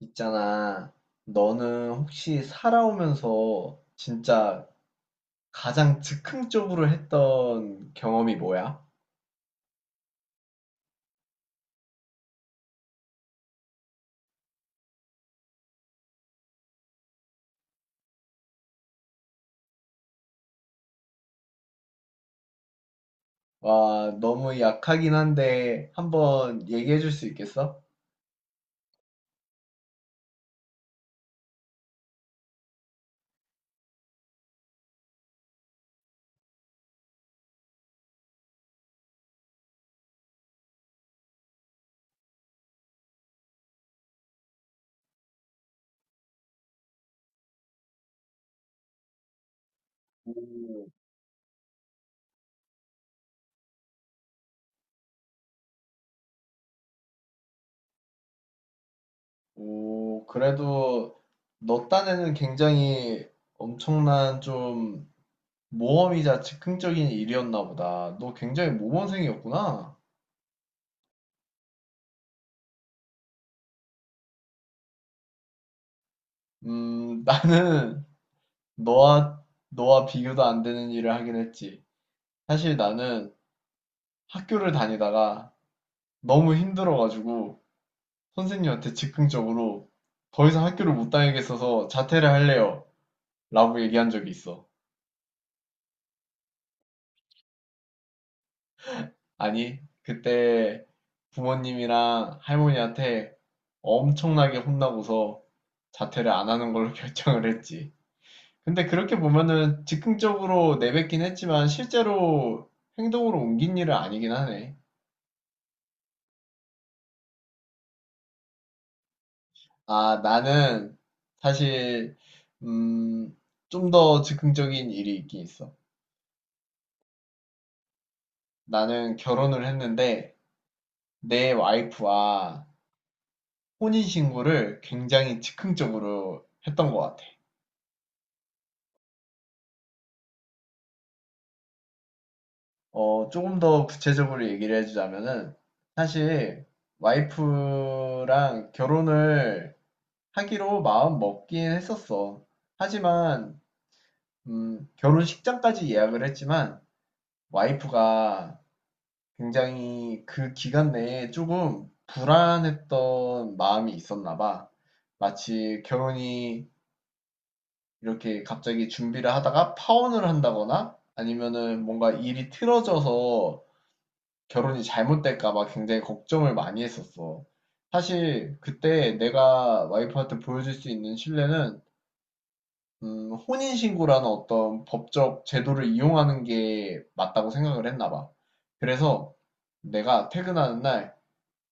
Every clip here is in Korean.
있잖아. 너는 혹시 살아오면서 진짜 가장 즉흥적으로 했던 경험이 뭐야? 와, 너무 약하긴 한데 한번 얘기해 줄 수 있겠어? 오, 오, 그래도 너 딴에는 굉장히 엄청난 좀 모험이자 즉흥적인 일이었나 보다. 너 굉장히 모범생이었구나. 나는 너와 비교도 안 되는 일을 하긴 했지. 사실 나는 학교를 다니다가 너무 힘들어가지고 선생님한테 즉흥적으로 더 이상 학교를 못 다니겠어서 자퇴를 할래요. 라고 얘기한 적이 있어. 아니, 그때 부모님이랑 할머니한테 엄청나게 혼나고서 자퇴를 안 하는 걸로 결정을 했지. 근데 그렇게 보면은 즉흥적으로 내뱉긴 했지만 실제로 행동으로 옮긴 일은 아니긴 하네. 아, 나는 사실, 음, 좀 더 즉흥적인 일이 있긴 있어. 나는 결혼을 했는데, 내 와이프와 혼인신고를 굉장히 즉흥적으로 했던 것 같아. 조금 더 구체적으로 얘기를 해주자면은, 사실, 와이프랑 결혼을 하기로 마음 먹긴 했었어. 하지만, 결혼식장까지 예약을 했지만, 와이프가 굉장히 그 기간 내에 조금 불안했던 마음이 있었나 봐. 마치 결혼이 이렇게 갑자기 준비를 하다가 파혼을 한다거나 아니면은 뭔가 일이 틀어져서 결혼이 잘못될까 봐 굉장히 걱정을 많이 했었어. 사실 그때 내가 와이프한테 보여줄 수 있는 신뢰는 혼인신고라는 어떤 법적 제도를 이용하는 게 맞다고 생각을 했나 봐. 그래서 내가 퇴근하는 날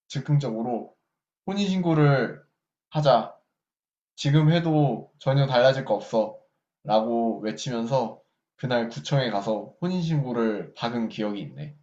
즉흥적으로 "혼인신고를 하자. 지금 해도 전혀 달라질 거 없어." 라고 외치면서 그날 구청에 가서 혼인신고를 박은 기억이 있네.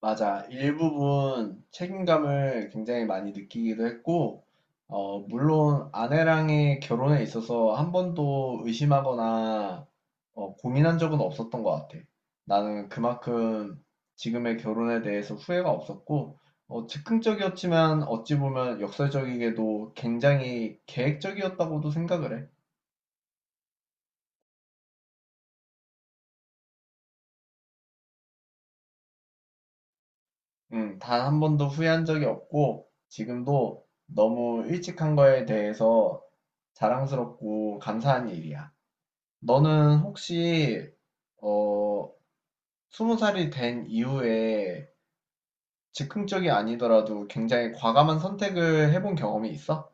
맞아. 일부분 책임감을 굉장히 많이 느끼기도 했고, 물론 아내랑의 결혼에 있어서 한 번도 의심하거나 고민한 적은 없었던 것 같아. 나는 그만큼 지금의 결혼에 대해서 후회가 없었고, 즉흥적이었지만 어찌 보면 역설적이게도 굉장히 계획적이었다고도 생각을 해. 단 한 번도 후회한 적이 없고, 지금도 너무 일찍 한 거에 대해서 자랑스럽고 감사한 일이야. 너는 혹시 어, 스무 살이 된 이후에 즉흥적이 아니더라도 굉장히 과감한 선택을 해본 경험이 있어?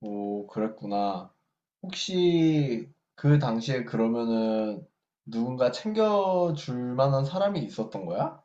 오, 그랬구나. 혹시 그 당시에 그러면은 누군가 챙겨줄 만한 사람이 있었던 거야?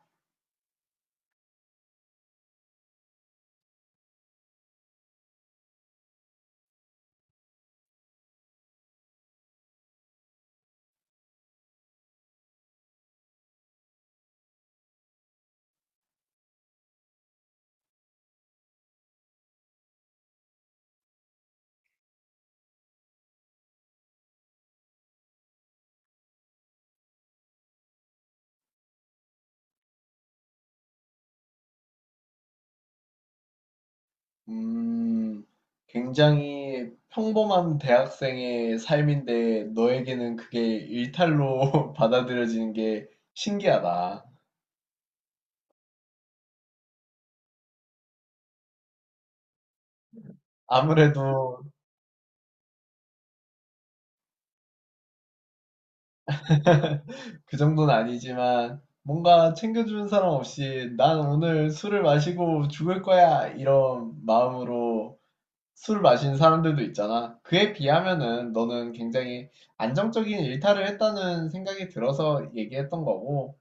음, 굉장히 평범한 대학생의 삶인데 너에게는 그게 일탈로 받아들여지는 게 신기하다. 아무래도 그 정도는 아니지만 뭔가 챙겨주는 사람 없이 난 오늘 술을 마시고 죽을 거야 이런 마음으로 술 마시는 사람들도 있잖아. 그에 비하면은 너는 굉장히 안정적인 일탈을 했다는 생각이 들어서 얘기했던 거고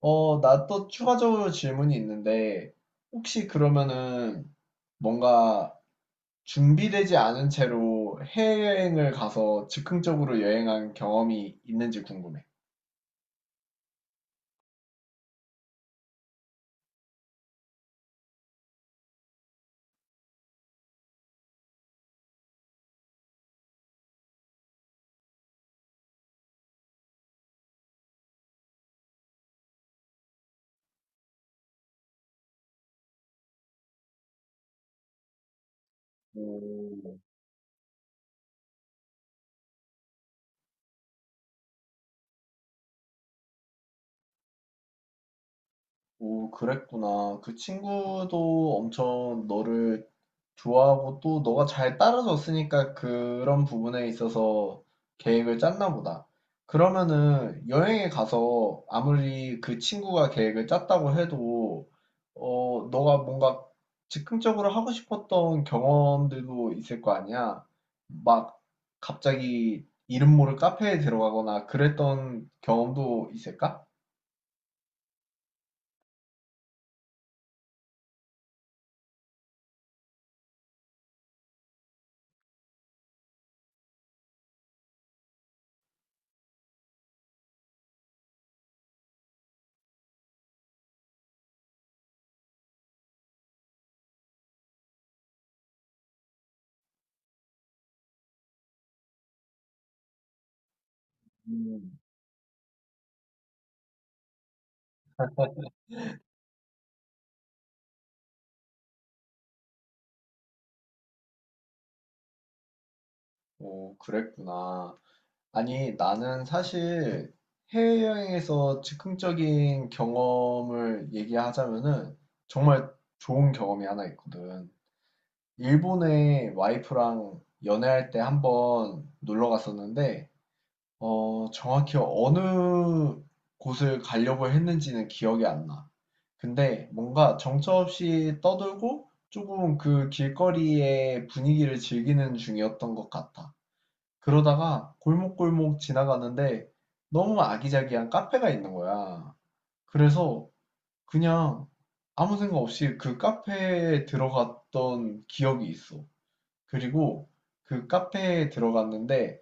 나 또 추가적으로 질문이 있는데, 혹시 그러면은 뭔가 준비되지 않은 채로 해외여행을 가서 즉흥적으로 여행한 경험이 있는지 궁금해. 오, 오, 그랬구나. 그 친구도 엄청 너를 좋아하고 또 너가 잘 따라줬으니까 그런 부분에 있어서 계획을 짰나 보다. 그러면은 여행에 가서 아무리 그 친구가 계획을 짰다고 해도 어 너가 뭔가 즉흥적으로 하고 싶었던 경험들도 있을 거 아니야. 막 갑자기 이름 모를 카페에 들어가거나 그랬던 경험도 있을까? 음, 오, 그랬구나. 아니, 나는 사실 해외여행에서 즉흥적인 경험을 얘기하자면은 정말 좋은 경험이 하나 있거든. 일본에 와이프랑 연애할 때 한번 놀러 갔었는데, 정확히 어느 곳을 가려고 했는지는 기억이 안 나. 근데 뭔가 정처없이 떠들고 조금 그 길거리의 분위기를 즐기는 중이었던 것 같아. 그러다가 골목골목 지나가는데 너무 아기자기한 카페가 있는 거야. 그래서 그냥 아무 생각 없이 그 카페에 들어갔던 기억이 있어. 그리고 그 카페에 들어갔는데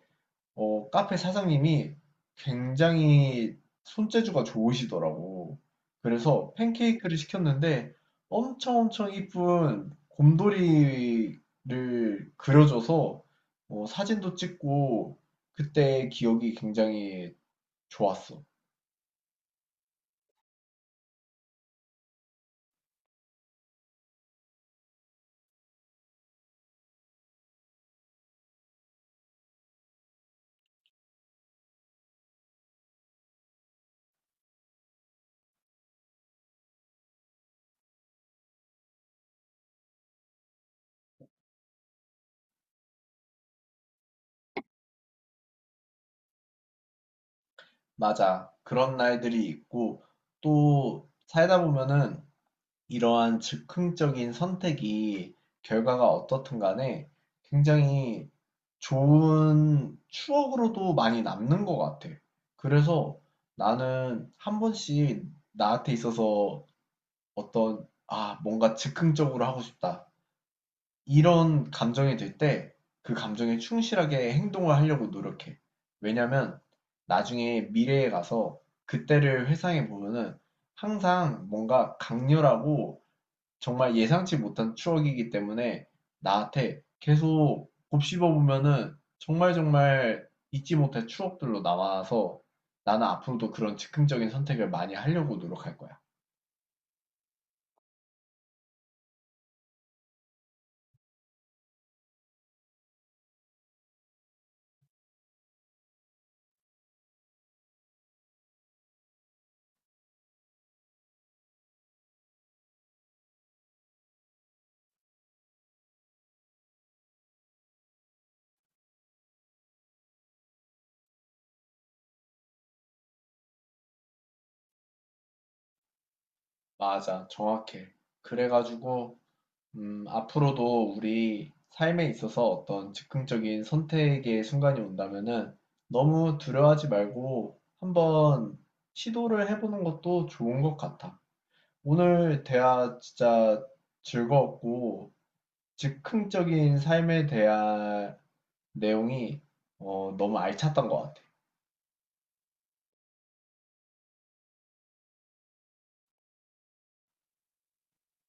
카페 사장님이 굉장히 손재주가 좋으시더라고. 그래서 팬케이크를 시켰는데 엄청 엄청 이쁜 곰돌이를 그려줘서 사진도 찍고 그때 기억이 굉장히 좋았어. 맞아. 그런 날들이 있고 또 살다 보면은 이러한 즉흥적인 선택이 결과가 어떻든 간에 굉장히 좋은 추억으로도 많이 남는 것 같아. 그래서 나는 한 번씩 나한테 있어서 어떤, 아, 뭔가 즉흥적으로 하고 싶다. 이런 감정이 들 때 그 감정에 충실하게 행동을 하려고 노력해. 왜냐면 나중에 미래에 가서 그때를 회상해 보면은 항상 뭔가 강렬하고 정말 예상치 못한 추억이기 때문에 나한테 계속 곱씹어 보면은 정말 정말 잊지 못할 추억들로 남아서 나는 앞으로도 그런 즉흥적인 선택을 많이 하려고 노력할 거야. 맞아, 정확해. 그래가지고, 앞으로도 우리 삶에 있어서 어떤 즉흥적인 선택의 순간이 온다면은 너무 두려워하지 말고 한번 시도를 해보는 것도 좋은 것 같아. 오늘 대화 진짜 즐거웠고, 즉흥적인 삶에 대한 내용이 너무 알찼던 것 같아.